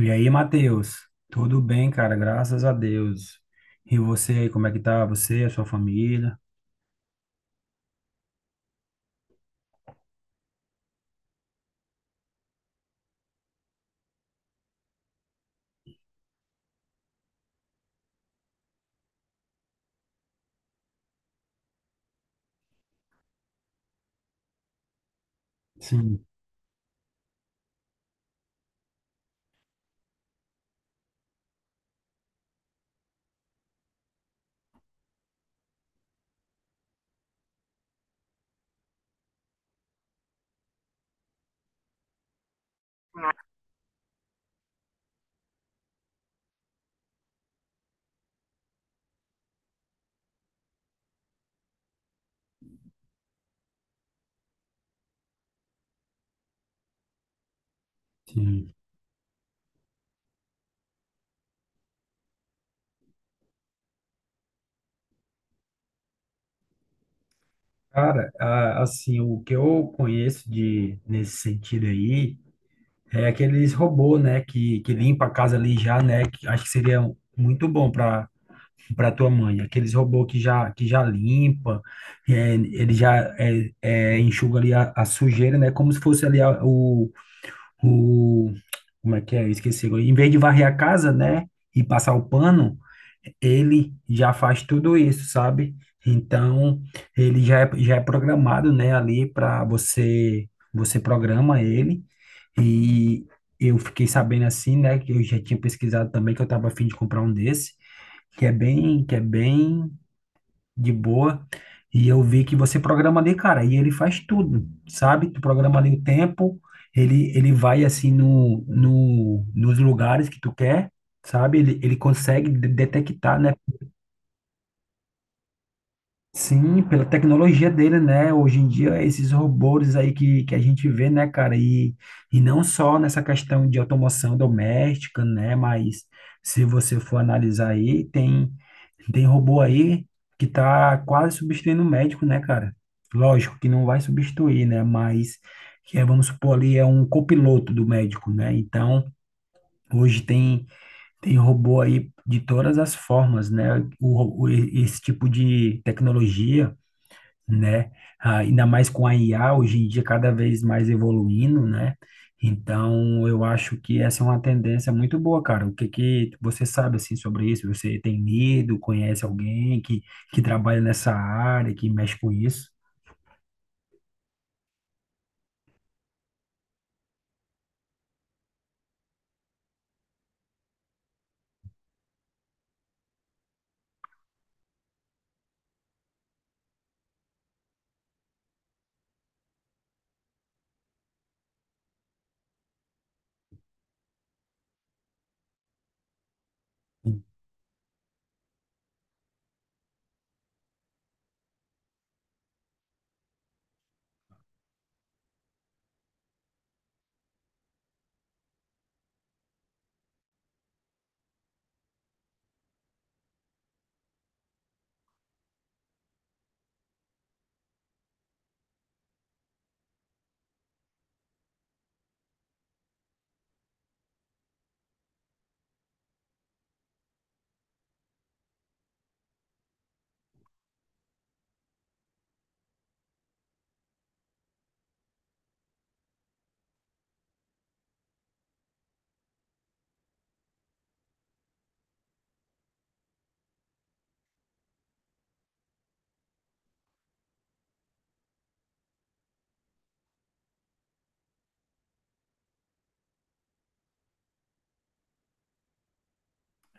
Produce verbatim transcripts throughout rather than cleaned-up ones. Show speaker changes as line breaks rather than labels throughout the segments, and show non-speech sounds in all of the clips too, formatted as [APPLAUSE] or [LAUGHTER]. E aí, Matheus? Tudo bem, cara? Graças a Deus. E você aí, como é que tá? Você, a sua família? Sim, sim. Cara, a- assim, o que eu conheço de nesse sentido aí é aqueles robô, né, que, que limpa a casa ali já, né, que acho que seria muito bom para para tua mãe. Aqueles robô que já que já limpa, é, ele já é, é, enxuga ali a, a sujeira, né, como se fosse ali a, o o, como é que é? Esqueci agora. Em vez de varrer a casa, né, e passar o pano, ele já faz tudo isso, sabe? Então, ele já é, já é programado, né, ali para você, você programa ele e eu fiquei sabendo assim, né, que eu já tinha pesquisado também que eu estava a fim de comprar um desse, que é bem, que é bem de boa. E eu vi que você programa ali, cara, e ele faz tudo, sabe? Tu programa ali o tempo, ele, ele vai assim no, no, nos lugares que tu quer, sabe? Ele, ele consegue de- detectar, né? Sim, pela tecnologia dele, né? Hoje em dia, esses robôs aí que, que a gente vê, né, cara? E, e não só nessa questão de automação doméstica, né? Mas se você for analisar aí, tem, tem robô aí que tá quase substituindo o médico, né, cara? Lógico que não vai substituir, né? Mas, que é, vamos supor ali, é um copiloto do médico, né? Então, hoje tem, tem robô aí de todas as formas, né? O, ro- o- esse tipo de tecnologia, né? Ah, ainda mais com a I A hoje em dia cada vez mais evoluindo, né? Então, eu acho que essa é uma tendência muito boa, cara. O que que você sabe assim sobre isso? Você tem lido, conhece alguém que, que trabalha nessa área, que mexe com isso?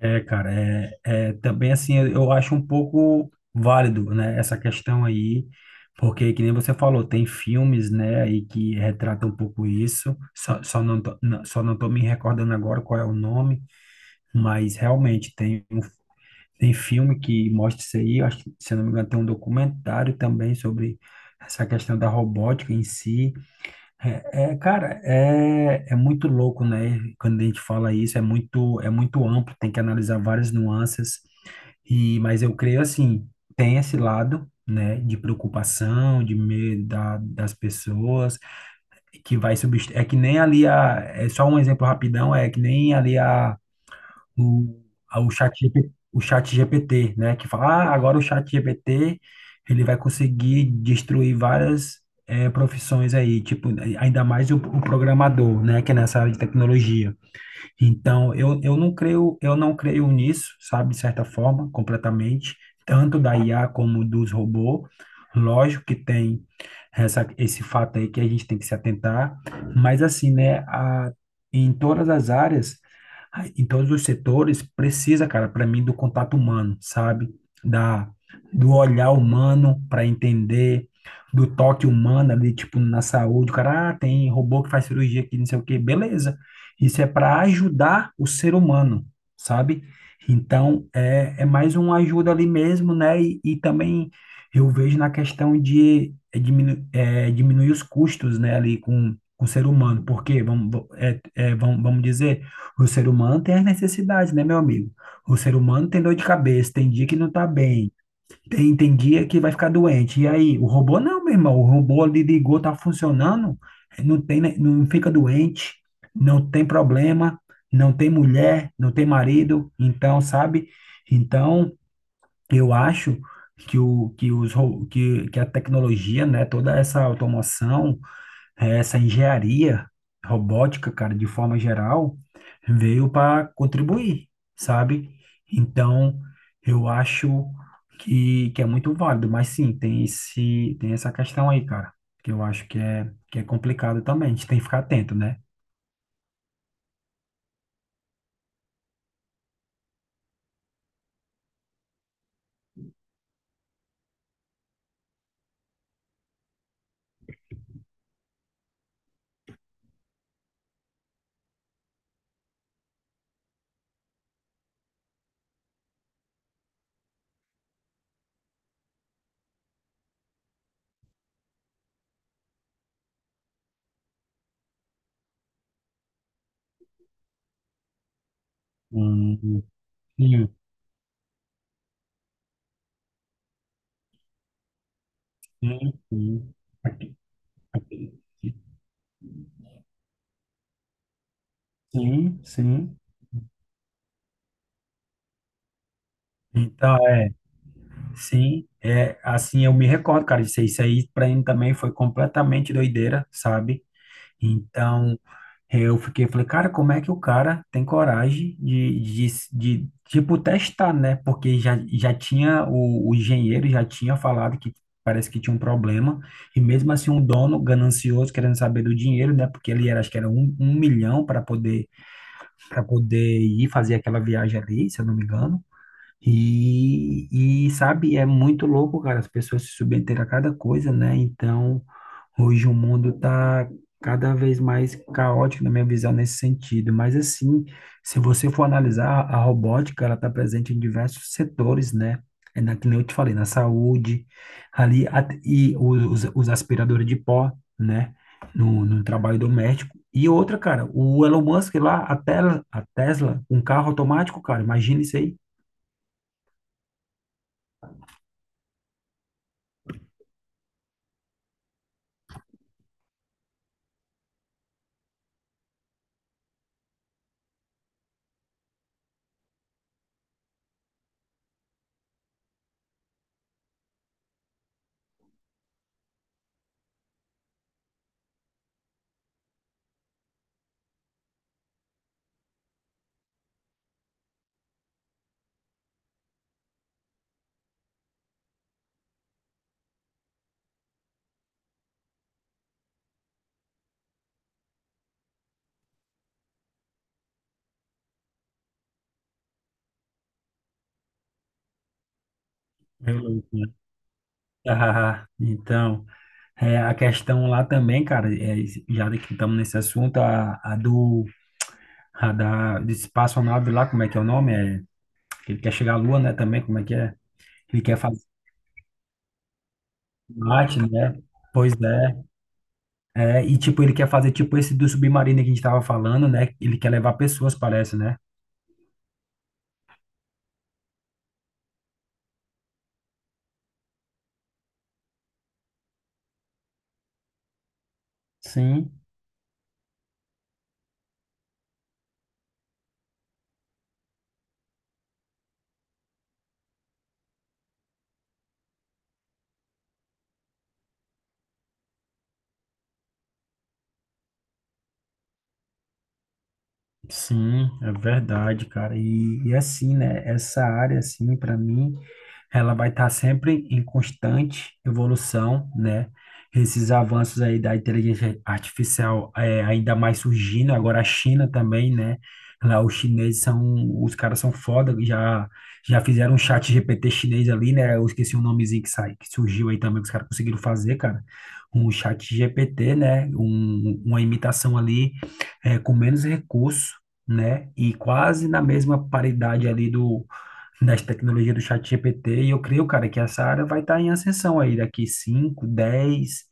É, cara, é, é também assim, eu eu acho um pouco válido, né, essa questão aí, porque que nem você falou, tem filmes, né, aí que retratam um pouco isso. Só, só não tô, não- só não tô me recordando agora qual é o nome. Mas realmente tem, um- tem filme que mostra isso aí. Eu Acho que, se eu não me engano, tem um documentário também sobre essa questão da robótica em si. É, é, cara, é, é muito louco, né? Quando a gente fala isso, é muito, é muito amplo, tem que analisar várias nuances. E, mas eu creio assim, tem esse lado. né, de preocupação, de medo da, das pessoas, que vai substituir. É que nem ali a. É só um exemplo rapidão, é que nem ali a o, a- o chat, G P o chat G P T, né? Que fala, ah, agora o chat G P T ele vai conseguir destruir várias eh, profissões aí, tipo, ainda mais o, o programador, né? Que é nessa área de tecnologia. Então, eu, eu não creio, eu não creio nisso, sabe, de certa forma, completamente, tanto da I A como dos robôs. Lógico que tem essa, esse fato aí que a gente tem que se atentar, mas assim, né, a, em todas as áreas, a- em todos os setores, precisa, cara, para mim, do contato humano, sabe? Da, do olhar humano para entender, do toque humano ali, tipo, na saúde, o cara, ah, tem robô que faz cirurgia aqui, não sei o quê, beleza. Isso é para ajudar o ser humano, sabe? Então, é, é mais uma ajuda ali mesmo, né? E, e também eu vejo na questão de é, diminu- é, diminuir os custos, né, ali com, com o ser humano, porque, vamos, va- é, é, vamos, vamos dizer, o ser humano tem as necessidades, né, meu amigo? O ser humano tem dor de cabeça, tem dia que não tá bem, tem, tem guia que vai ficar doente. E aí, o robô não, meu irmão. O robô ali ligou, tá funcionando, não tem, ne- não fica doente, não tem problema, não tem mulher, não tem marido. Então, sabe? Então, eu acho que, o, que, os, ro- que, que a tecnologia, né, toda essa automação, é, essa engenharia robótica, cara, de forma geral, veio para contribuir, sabe? Então, eu acho que, que é muito válido, mas sim, tem esse, tem essa questão aí, cara, que eu acho que é, que é complicado também, a gente tem que ficar atento, né? Hum, sim, sim, sim. Sim, sim. Então, é, sim, é assim, eu me recordo, cara, disso aí. Isso aí pra mim também foi completamente doideira, sabe? Então, eu fiquei, falei, cara, como é que o cara tem coragem de, de, de, tipo, testar, né? Porque já, já tinha, o, o engenheiro já tinha falado que parece que tinha um problema, e mesmo assim um dono ganancioso, querendo saber do dinheiro, né? Porque ele era, acho que era um, um milhão para poder, para poder ir fazer aquela viagem ali, se eu não me engano. E, e, sabe, é muito louco, cara, as pessoas se submeterem a cada coisa, né? Então, Hoje o mundo está cada vez mais caótico, na minha visão, nesse sentido. Mas, assim, se você for analisar, a robótica, ela está presente em diversos setores, né? É na, que nem eu te falei, na saúde, ali, a- e os, os aspiradores de pó, né? No, no trabalho doméstico. E outra, cara, o Elon Musk lá, a Tesla, a Tesla, um carro automático, cara, imagina isso aí. É louco, né? Ah, [LAUGHS] então. É, a questão lá também, cara, é, já que estamos nesse assunto, a, a do a da de espaçonave lá, como é que é o nome? É, ele quer chegar à Lua, né, também, como é que é? Ele quer fazer arte, né? Pois é, é, e tipo, ele quer fazer tipo esse do submarino que a gente estava falando, né? Ele quer levar pessoas, parece, né? Sim. Sim, é verdade, cara. E, e assim, né? Essa área, assim, para mim, ela vai estar sempre em constante evolução, né? Esses avanços aí da inteligência artificial é, ainda mais surgindo. Agora a China também, né? Lá os chineses são, os caras são foda, já já fizeram um chat G P T chinês ali, né? Eu esqueci o nomezinho que sai, que surgiu aí também que os caras conseguiram fazer, cara. Um chat G P T, né? Um, uma imitação ali é, com menos recurso, né? E quase na mesma paridade ali do, das tecnologias do ChatGPT. E eu creio, cara, que essa área vai estar em ascensão aí daqui cinco, dez,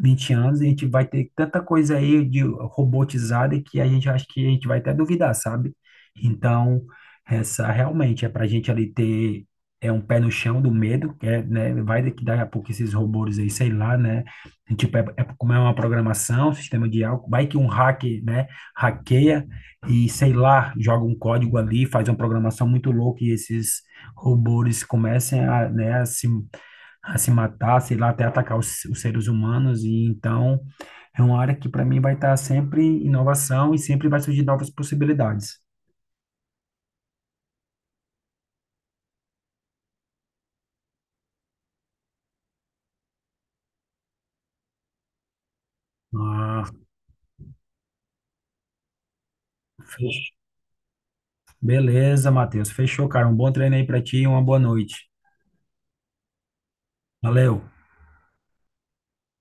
vinte anos. A gente vai ter tanta coisa aí de robotizada que a gente acha que a gente vai até duvidar, sabe? Então, essa realmente é para a gente ali ter. É um pé no chão do medo, que é, né? Vai que daqui a pouco esses robôs aí, sei lá, né? Tipo, é, é como é uma programação, sistema de algo, vai que um hacker, né? Hackeia, e sei lá, joga um código ali, faz uma programação muito louca e esses robôs comecem a, né, a se, a se matar, sei lá, até atacar os, os seres humanos. E então é uma área que para mim vai estar sempre inovação e sempre vai surgir novas possibilidades. Ah, fech- beleza, Matheus. Fechou, cara. Um bom treino aí para ti e uma boa noite. Valeu.